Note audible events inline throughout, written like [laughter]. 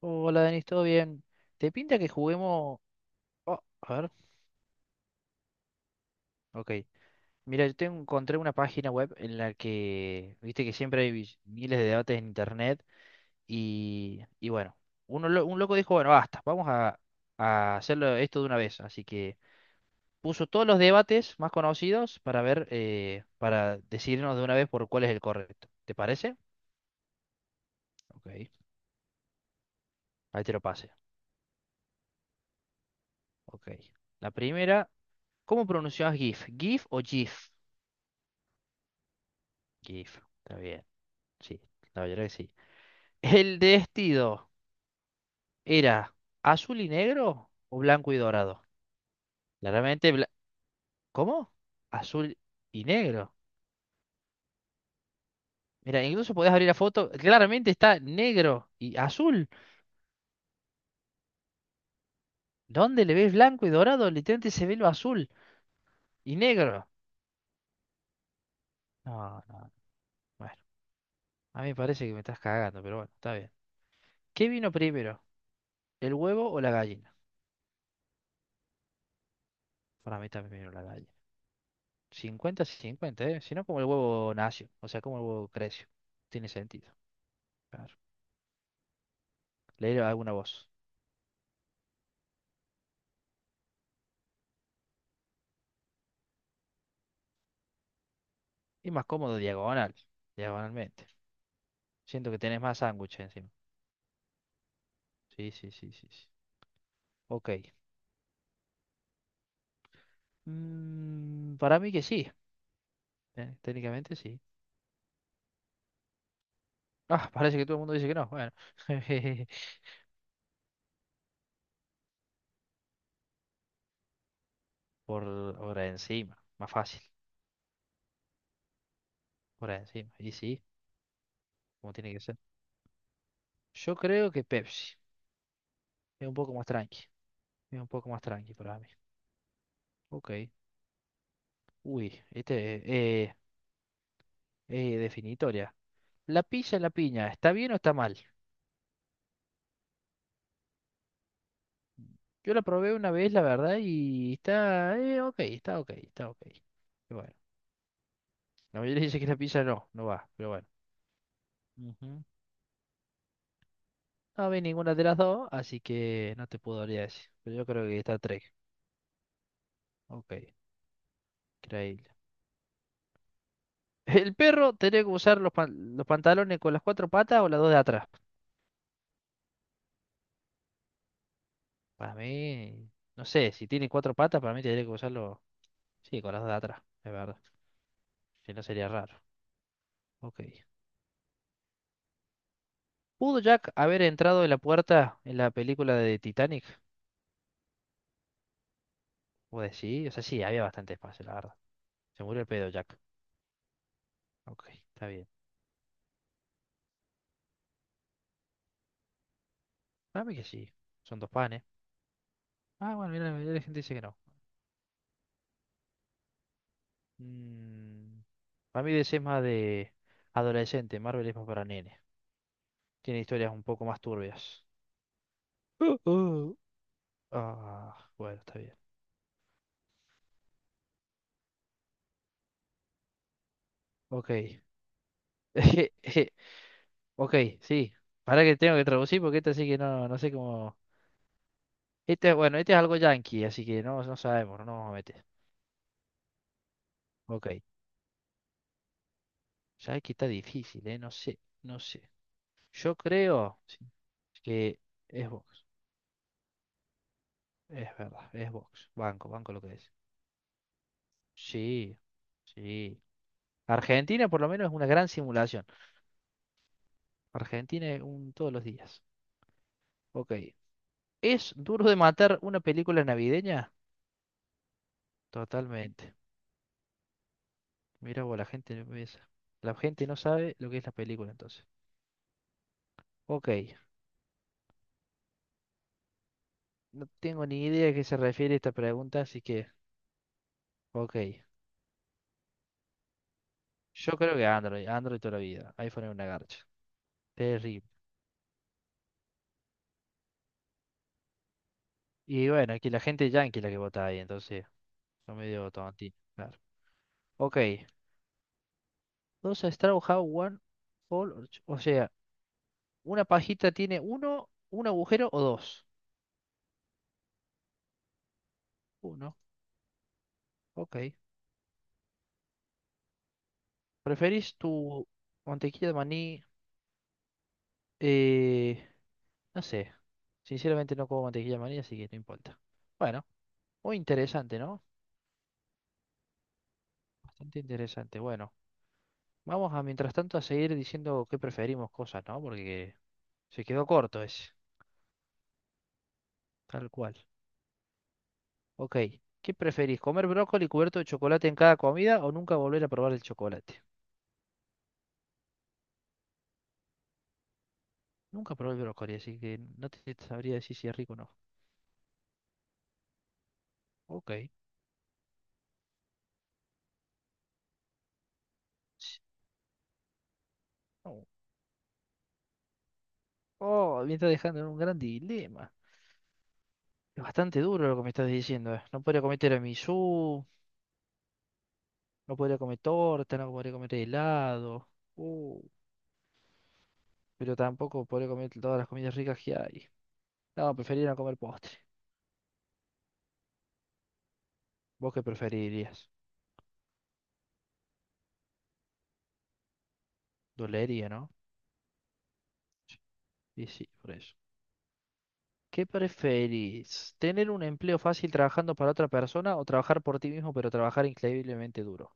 Hola, Denis, ¿todo bien? ¿Te pinta que juguemos? Oh, a ver, ok. Mira, yo tengo, encontré una página web en la que, viste que siempre hay miles de debates en internet y bueno, un loco dijo, bueno, basta, vamos a, hacerlo esto de una vez. Así que puso todos los debates más conocidos para ver, para decidirnos de una vez por cuál es el correcto. ¿Te parece? Ok, ahí te lo pasé. Ok. La primera, ¿cómo pronunciás GIF? ¿GIF o GIF? GIF, está bien. Sí, la verdad que sí. ¿El vestido era azul y negro o blanco y dorado? Claramente, ¿cómo? Azul y negro. Mira, incluso podés abrir la foto. Claramente está negro y azul. ¿Dónde le ves blanco y dorado? Literalmente se ve lo azul y negro. No, no, bueno. A mí me parece que me estás cagando, pero bueno, está bien. ¿Qué vino primero? ¿El huevo o la gallina? Para mí también vino la gallina. 50, 50, ¿eh? Si no, como el huevo nació. O sea, como el huevo creció. Tiene sentido. Claro. Leer alguna voz. Y más cómodo diagonal, diagonalmente. Siento que tenés más sándwich encima. Sí, sí, sí, sí, sí. Ok. Mm, para mí que sí, técnicamente sí. Ah, parece que todo el mundo dice que no. Bueno, [laughs] por hora encima, más fácil. Por encima. Y sí, como tiene que ser. Yo creo que Pepsi. Es un poco más tranqui. Es un poco más tranqui para mí. Ok. Uy, definitoria. ¿La pizza en la piña está bien o está mal? Yo la probé una vez, la verdad, y está ok, está ok, está ok. Y bueno, la mayoría dice que la pizza no, no va, pero bueno. Ujú. No vi ninguna de las dos, así que no te podría decir. Pero yo creo que está tres. Ok, increíble. [laughs] ¿El perro tiene que usar los pantalones con las cuatro patas o las dos de atrás? Para mí, no sé, si tiene cuatro patas, para mí tendría que usarlo, sí, con las dos de atrás, es verdad. Si no sería raro. Ok. ¿Pudo Jack haber entrado en la puerta en la película de Titanic? Pues sí, o sea, sí, había bastante espacio, la verdad. Se murió el pedo, Jack. Ok, está bien. Para mí que sí. Son dos panes. Ah, bueno, mira, la mayoría de la gente dice que no. Mm, para mí DC es más de adolescente, Marvel es más para nenes. Tiene historias un poco más turbias. Uh, uh. Ah, bueno, está bien. Ok. [laughs] Ok, sí. Para que tengo que traducir porque este sí que no, no sé cómo. Este, bueno, este es algo yankee, así que no, no sabemos, no nos vamos a meter. Ok. Ya que está difícil, ¿eh? No sé, no sé. Yo creo sí, que es Vox. Es verdad, es Vox. Banco, banco lo que es. Sí, sí. Argentina por lo menos es una gran simulación. Argentina es un todos los días. Ok. ¿Es duro de matar una película navideña? Totalmente. Mira vos, la gente no piensa. La gente no sabe lo que es la película entonces. Ok. No tengo ni idea a qué se refiere esta pregunta, así que... Ok. Yo creo que Android, Android toda la vida. iPhone es una garcha. Terrible. Y bueno, aquí la gente yankee la que vota ahí, entonces son medio tontines, claro. Ok, dos Straw Hat, One Hole, or o sea, una pajita tiene uno, un agujero o dos. Uno, ok. ¿Preferís tu mantequilla de maní? Eh, no sé, sinceramente no como mantequilla de maní, así que no importa. Bueno, muy interesante, ¿no? Bastante interesante. Bueno, vamos a mientras tanto a seguir diciendo qué preferimos cosas, ¿no? Porque se quedó corto ese, tal cual. Ok, ¿qué preferís? ¿Comer brócoli cubierto de chocolate en cada comida o nunca volver a probar el chocolate? Nunca probé el brócoli, así que no te sabría decir si es rico o no. Ok. Sí, no. Oh, me está dejando en un gran dilema. Es bastante duro lo que me estás diciendo, eh. No podría comer tiramisú, no podría comer torta, no podría comer helado. Uh, pero tampoco podría comer todas las comidas ricas que hay. No, preferiría no comer postre. ¿Vos qué preferirías? Dolería, ¿no? Y sí, por eso. ¿Qué preferís? ¿Tener un empleo fácil trabajando para otra persona o trabajar por ti mismo pero trabajar increíblemente duro?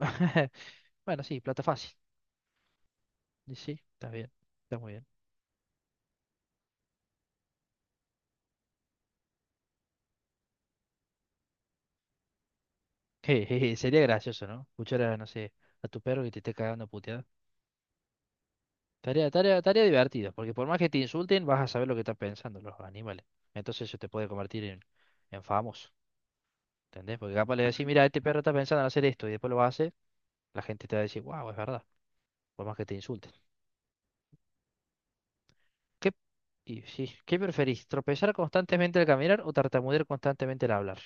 [laughs] Bueno, sí, plata fácil. Y sí, está bien, está muy bien. [laughs] Jejeje, sería gracioso, ¿no? Escuchar a, no sé, a tu perro que te esté cagando a puteada. Tarea, tarea, tarea divertida, porque por más que te insulten, vas a saber lo que están pensando los animales. Entonces eso te puede convertir en, famoso, ¿entendés? Porque capaz le decís, mira, este perro está pensando en hacer esto y después lo hace, la gente te va a decir, wow, es verdad, por más que te insulten. ¿Qué, y sí, ¿qué preferís? ¿Tropezar constantemente al caminar o tartamudear constantemente al hablar?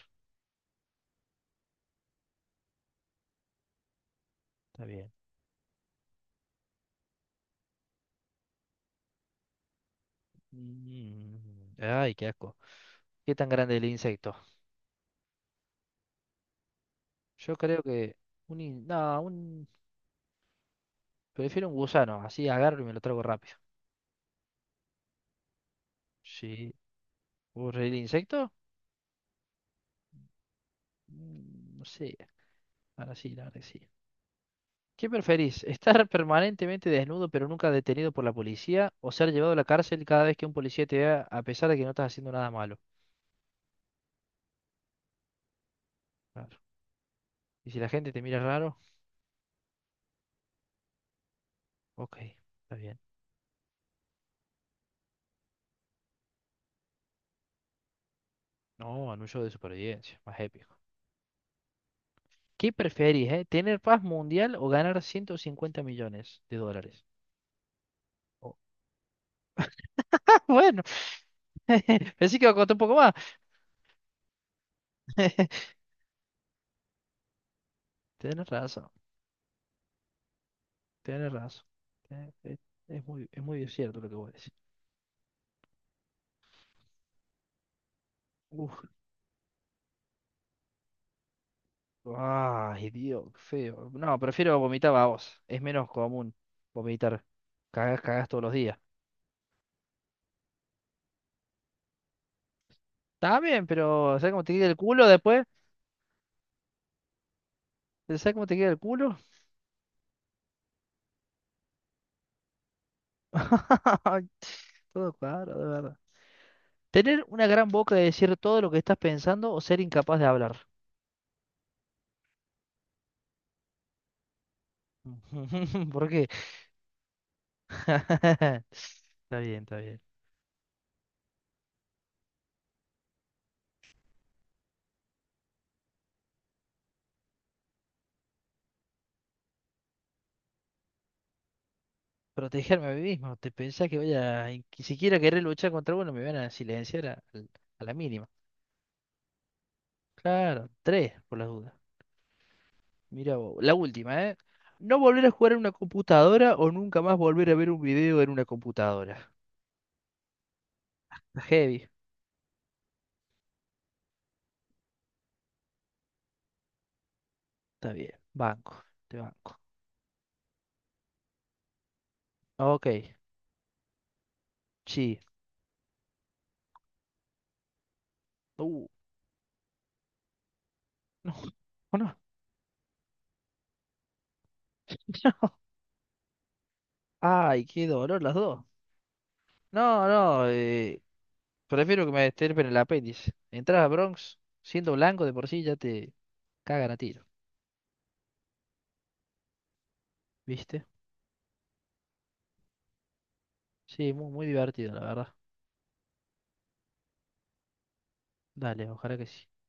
Está bien. Ay, qué asco. ¿Qué tan grande es el insecto? Yo creo que no, un prefiero un gusano, así agarro y me lo trago rápido. Sí. ¿Vos el insecto? No sé, ahora sí, la verdad que sí. ¿Qué preferís? ¿Estar [laughs] permanentemente desnudo pero nunca detenido por la policía o ser llevado a la cárcel cada vez que un policía te vea a pesar de que no estás haciendo nada malo? Claro. Y si la gente te mira raro, ok, está bien. No, anuncio de supervivencia, más épico. ¿Qué preferís, eh? ¿Tener paz mundial o ganar 150 millones de dólares? Oh, [laughs] bueno, [laughs] pensé que iba a costar un poco más. [laughs] Tienes razón, tienes razón. Eh, eh, es muy cierto lo que vos decís. Uf, ay, Dios, qué feo. No, prefiero vomitar babos. Es menos común vomitar. Cagás, cagás todos los días. Está bien, pero ¿sabes cómo te queda el culo después? ¿Sabes cómo te queda el culo? [laughs] Todo claro, de verdad. Tener una gran boca de decir todo lo que estás pensando o ser incapaz de hablar. [laughs] ¿Por qué? [laughs] Está bien, está bien. Protegerme a mí mismo. ¿Te pensás que voy a, y siquiera querer luchar contra uno, me van a silenciar a la mínima? Claro, tres, por las dudas. Mira vos. La última, ¿eh? No volver a jugar en una computadora o nunca más volver a ver un video en una computadora. Está heavy. Está bien. Banco. Te banco. Ok. Sí. Uh. [laughs] No, o no. [laughs] Ay, qué dolor las dos. No, no, prefiero que me estirpen el apéndice. Entrar a Bronx siendo blanco de por sí ya te cagan a tiro, ¿viste? Sí, muy, muy divertido, la verdad. Dale, ojalá que sí.